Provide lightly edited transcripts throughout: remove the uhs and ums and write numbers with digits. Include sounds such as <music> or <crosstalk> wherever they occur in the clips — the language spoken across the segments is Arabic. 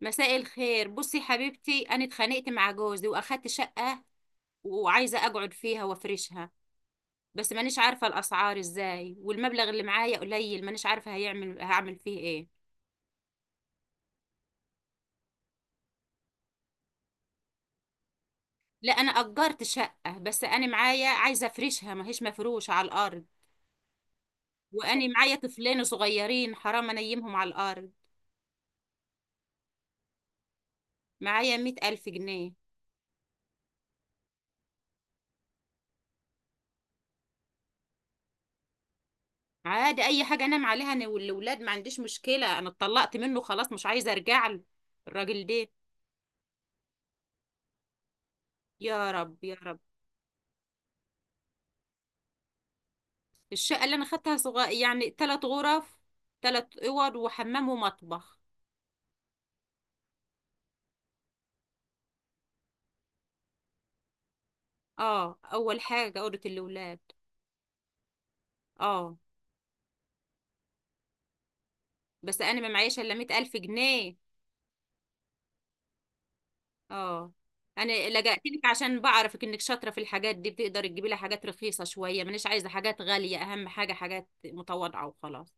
مساء الخير. بصي حبيبتي، انا اتخانقت مع جوزي واخدت شقة وعايزة اقعد فيها وافرشها. بس مانيش عارفة الاسعار ازاي، والمبلغ اللي معايا قليل، مانيش عارفة هعمل فيه ايه. لا انا اجرت شقة، بس انا معايا، عايزة افرشها ما هيش مفروشة على الارض. وانا <laughs> معايا طفلين صغيرين حرام انيمهم على الارض. معايا 100,000 جنيه. عادي اي حاجة انام عليها انا والولاد، ما عنديش مشكلة. انا اتطلقت منه خلاص، مش عايزة ارجع له الراجل ده. يا رب يا رب. الشقة اللي انا خدتها صغير، يعني ثلاث غرف. ثلاث اوض وحمام ومطبخ. اه، اول حاجة اوضة الاولاد. اه. بس انا ما معيش الا 100,000 جنيه. اه. انا لجأت لك عشان بعرفك انك شاطرة في الحاجات دي، بتقدري تجيبي لها حاجات رخيصة شوية، مانيش عايزة حاجات غالية، اهم حاجة حاجات متواضعة وخلاص.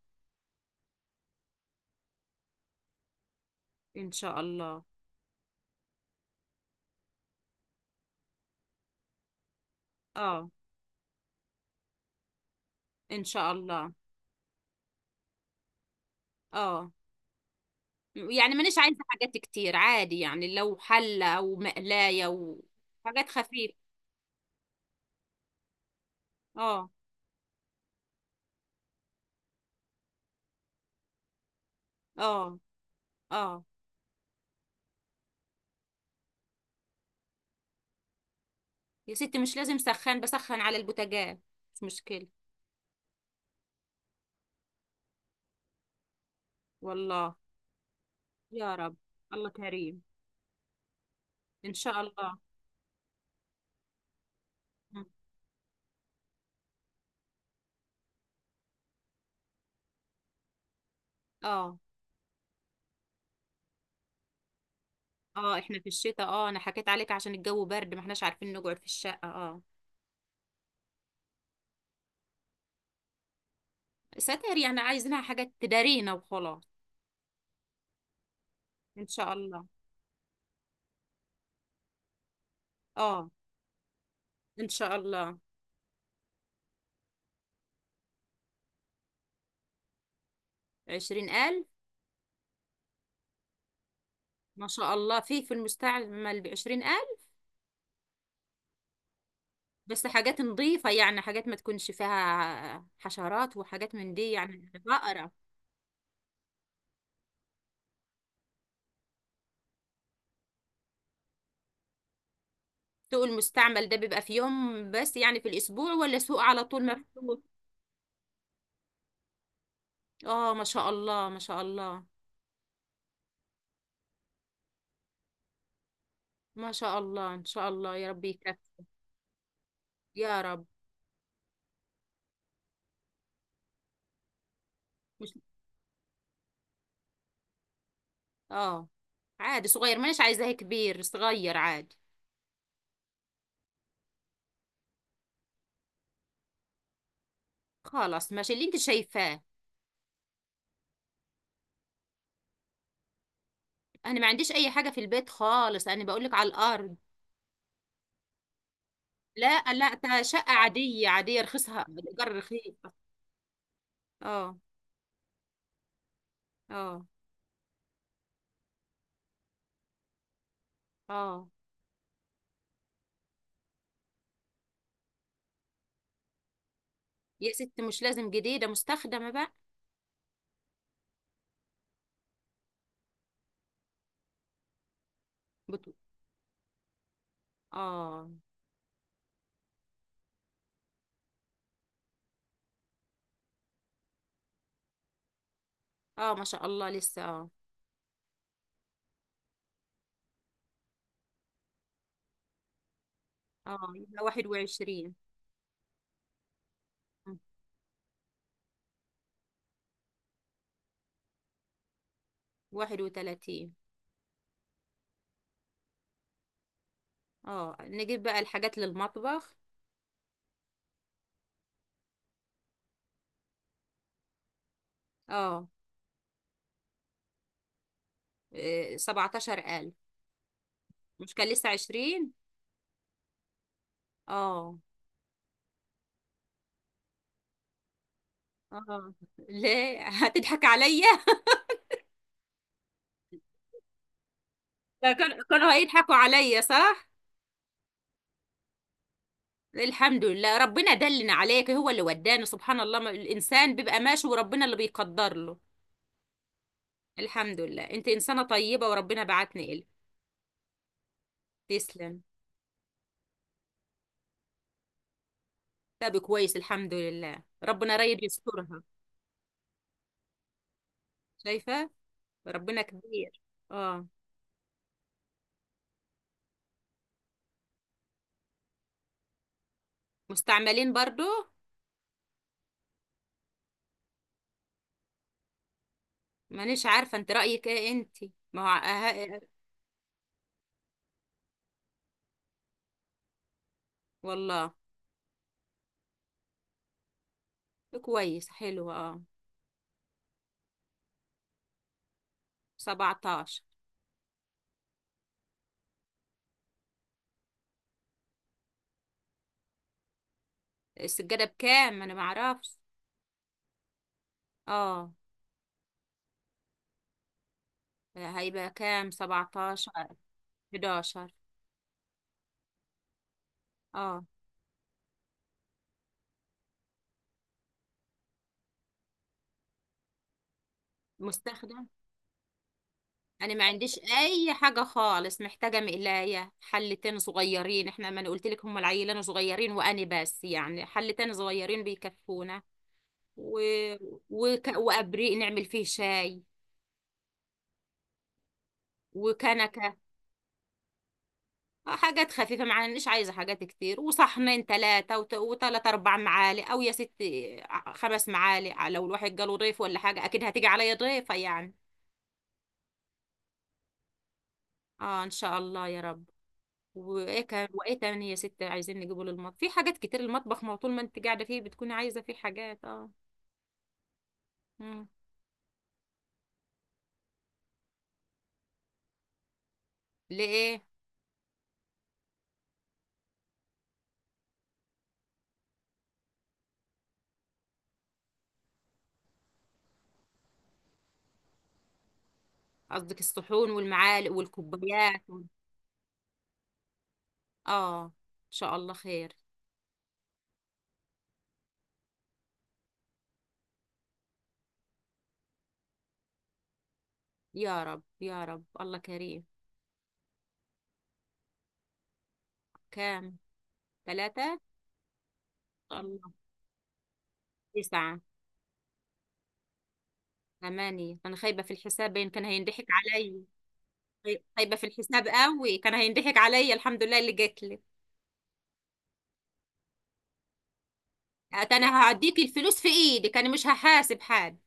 ان شاء الله. اه، ان شاء الله. اه، يعني مانيش عايزة حاجات كتير، عادي يعني لو حلة او مقلاية وحاجات خفيفة. اه. اه. اه يا ستي مش لازم سخان، بسخن على البوتاجاز، مش مشكلة. والله. يا رب. الله كريم. ان شاء الله. مم. اه. اه احنا في الشتاء، اه انا حكيت عليك عشان الجو برد ما احناش عارفين نقعد في الشقة، اه. ستر يعني عايزينها حاجة تدارينا وخلاص. ان شاء الله. اه ان شاء الله. 20,000. ما شاء الله، في المستعمل بـ20,000؟ بس حاجات نظيفة يعني، حاجات ما تكونش فيها حشرات وحاجات من دي يعني، بقرة. سوق المستعمل ده بيبقى في يوم بس يعني في الأسبوع ولا سوق على طول؟ مفتوح. اه ما شاء الله ما شاء الله. ما شاء الله إن شاء الله يا رب يكفي. يا رب. مش، اه عادي صغير، مانيش عايزاه كبير، صغير عادي. خلاص ماشي اللي انت شايفاه. انا ما عنديش اي حاجة في البيت خالص، انا بقولك على الارض. لا لا، تا شقة عادية عادية، رخيصها الإيجار رخيص. اه. اه. اه يا ست مش لازم جديدة، مستخدمة بقى. بت... اه. اه ما شاء الله لسه اه. اه يبقى 21. 31. اه نجيب بقى الحاجات للمطبخ. اه. 17,000. مش كان لسه 20؟ اه. اه <laughs> ليه هتضحك عليا؟ <laughs> لا، كانوا هيضحكوا عليا صح. الحمد لله ربنا دلنا عليك، هو اللي وداني سبحان الله. الإنسان بيبقى ماشي وربنا اللي بيقدر له. الحمد لله انت إنسانة طيبة وربنا بعتني إلك. تسلم. طب كويس الحمد لله ربنا رايد يسترها. شايفة. ربنا كبير. اه. مستعملين برضو. مانيش عارفة، انت رأيك ايه انت. ما هو اه- أه، والله. كويس حلو اه 17. السجادة بكام انا ما اعرفش. اه هيبقى كام. 17. 11. اه. مستخدم. انا ما عنديش اي حاجة خالص، محتاجة مقلاية، حلتين صغيرين، احنا ما انا قلت لك هم العيلان صغيرين، وانا بس يعني حلتين صغيرين بيكفونا. و... وابريق نعمل فيه شاي وكنكه. حاجات خفيفه معناش عايزه حاجات كتير، وصحنين ثلاثه وثلاث اربع معالق او يا ست خمس معالق. لو الواحد جاله ضيف ولا حاجه اكيد هتيجي عليا ضيفه يعني. اه ان شاء الله يا رب. وايه كان وايه تاني يا ست عايزين نجيبه للمطبخ، في حاجات كتير المطبخ ما هو طول ما انت قاعده فيه بتكوني عايزه فيه حاجات، اه. مم. ليه؟ قصدك الصحون والمعالق والكوبايات اه ان شاء الله خير. يا رب يا رب الله كريم. كام. ثلاثه. الله. تسعه. ثمانية، أنا خايبة في الحساب باين، كان هينضحك عليا. خايبة في الحساب قوي، كان هينضحك عليا الحمد لله اللي جات لي. أنا هعديكي الفلوس في إيدك، أنا مش هحاسب حد.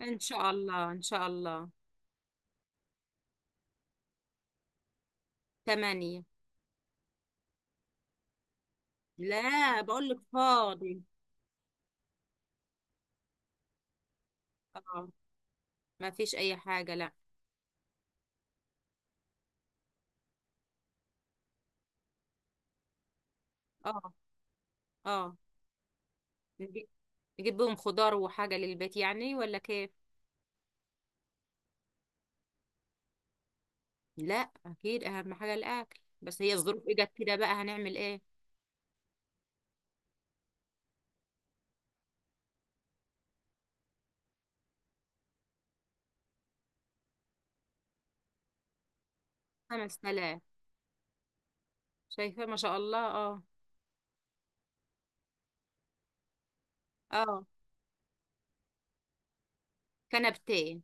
إن شاء الله إن شاء الله. ثمانية. لا بقول لك فاضي. آه. ما فيش أي حاجة لا. آه. آه. نجيب، نجيب بهم خضار وحاجة للبيت يعني ولا كيف. لا. أكيد أهم حاجة الأكل، بس هي الظروف إجت كده بقى هنعمل إيه. 5,000. شايفة ما شاء الله. آه. آه. كنبتين.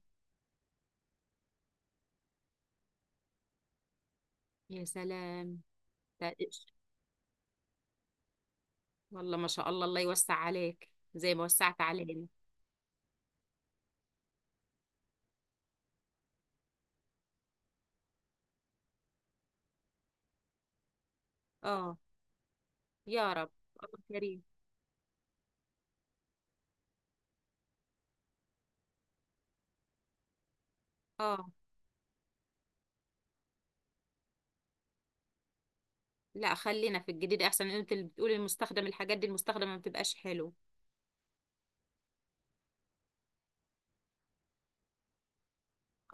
يا سلام. ده إيش. والله ما شاء الله، الله يوسع عليك زي ما وسعت علينا. اه. يا رب. الله كريم. اه لا خلينا في الجديد احسن، انت اللي بتقولي المستخدم الحاجات دي المستخدمه ما بتبقاش حلو.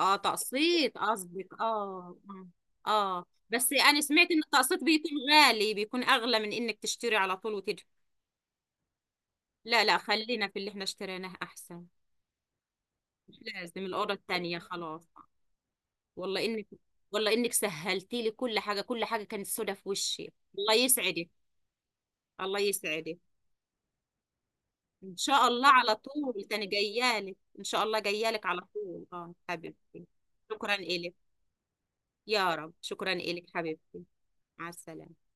اه، تقسيط قصدك، اه اه. آه. بس انا سمعت ان التقسيط بيكون غالي، بيكون اغلى من انك تشتري على طول وتدفع. لا لا خلينا في اللي احنا اشتريناه احسن. مش لازم الاوضه التانيه خلاص. والله انك. والله انك سهلتي لي كل حاجه، كل حاجه كانت سودة في وشي. الله يسعدك الله يسعدك. ان شاء الله على طول، تاني جايالك ان شاء الله جايالك على طول اه حبيبتي. شكرا الك. يا رب شكرا الك حبيبتي. مع السلامه.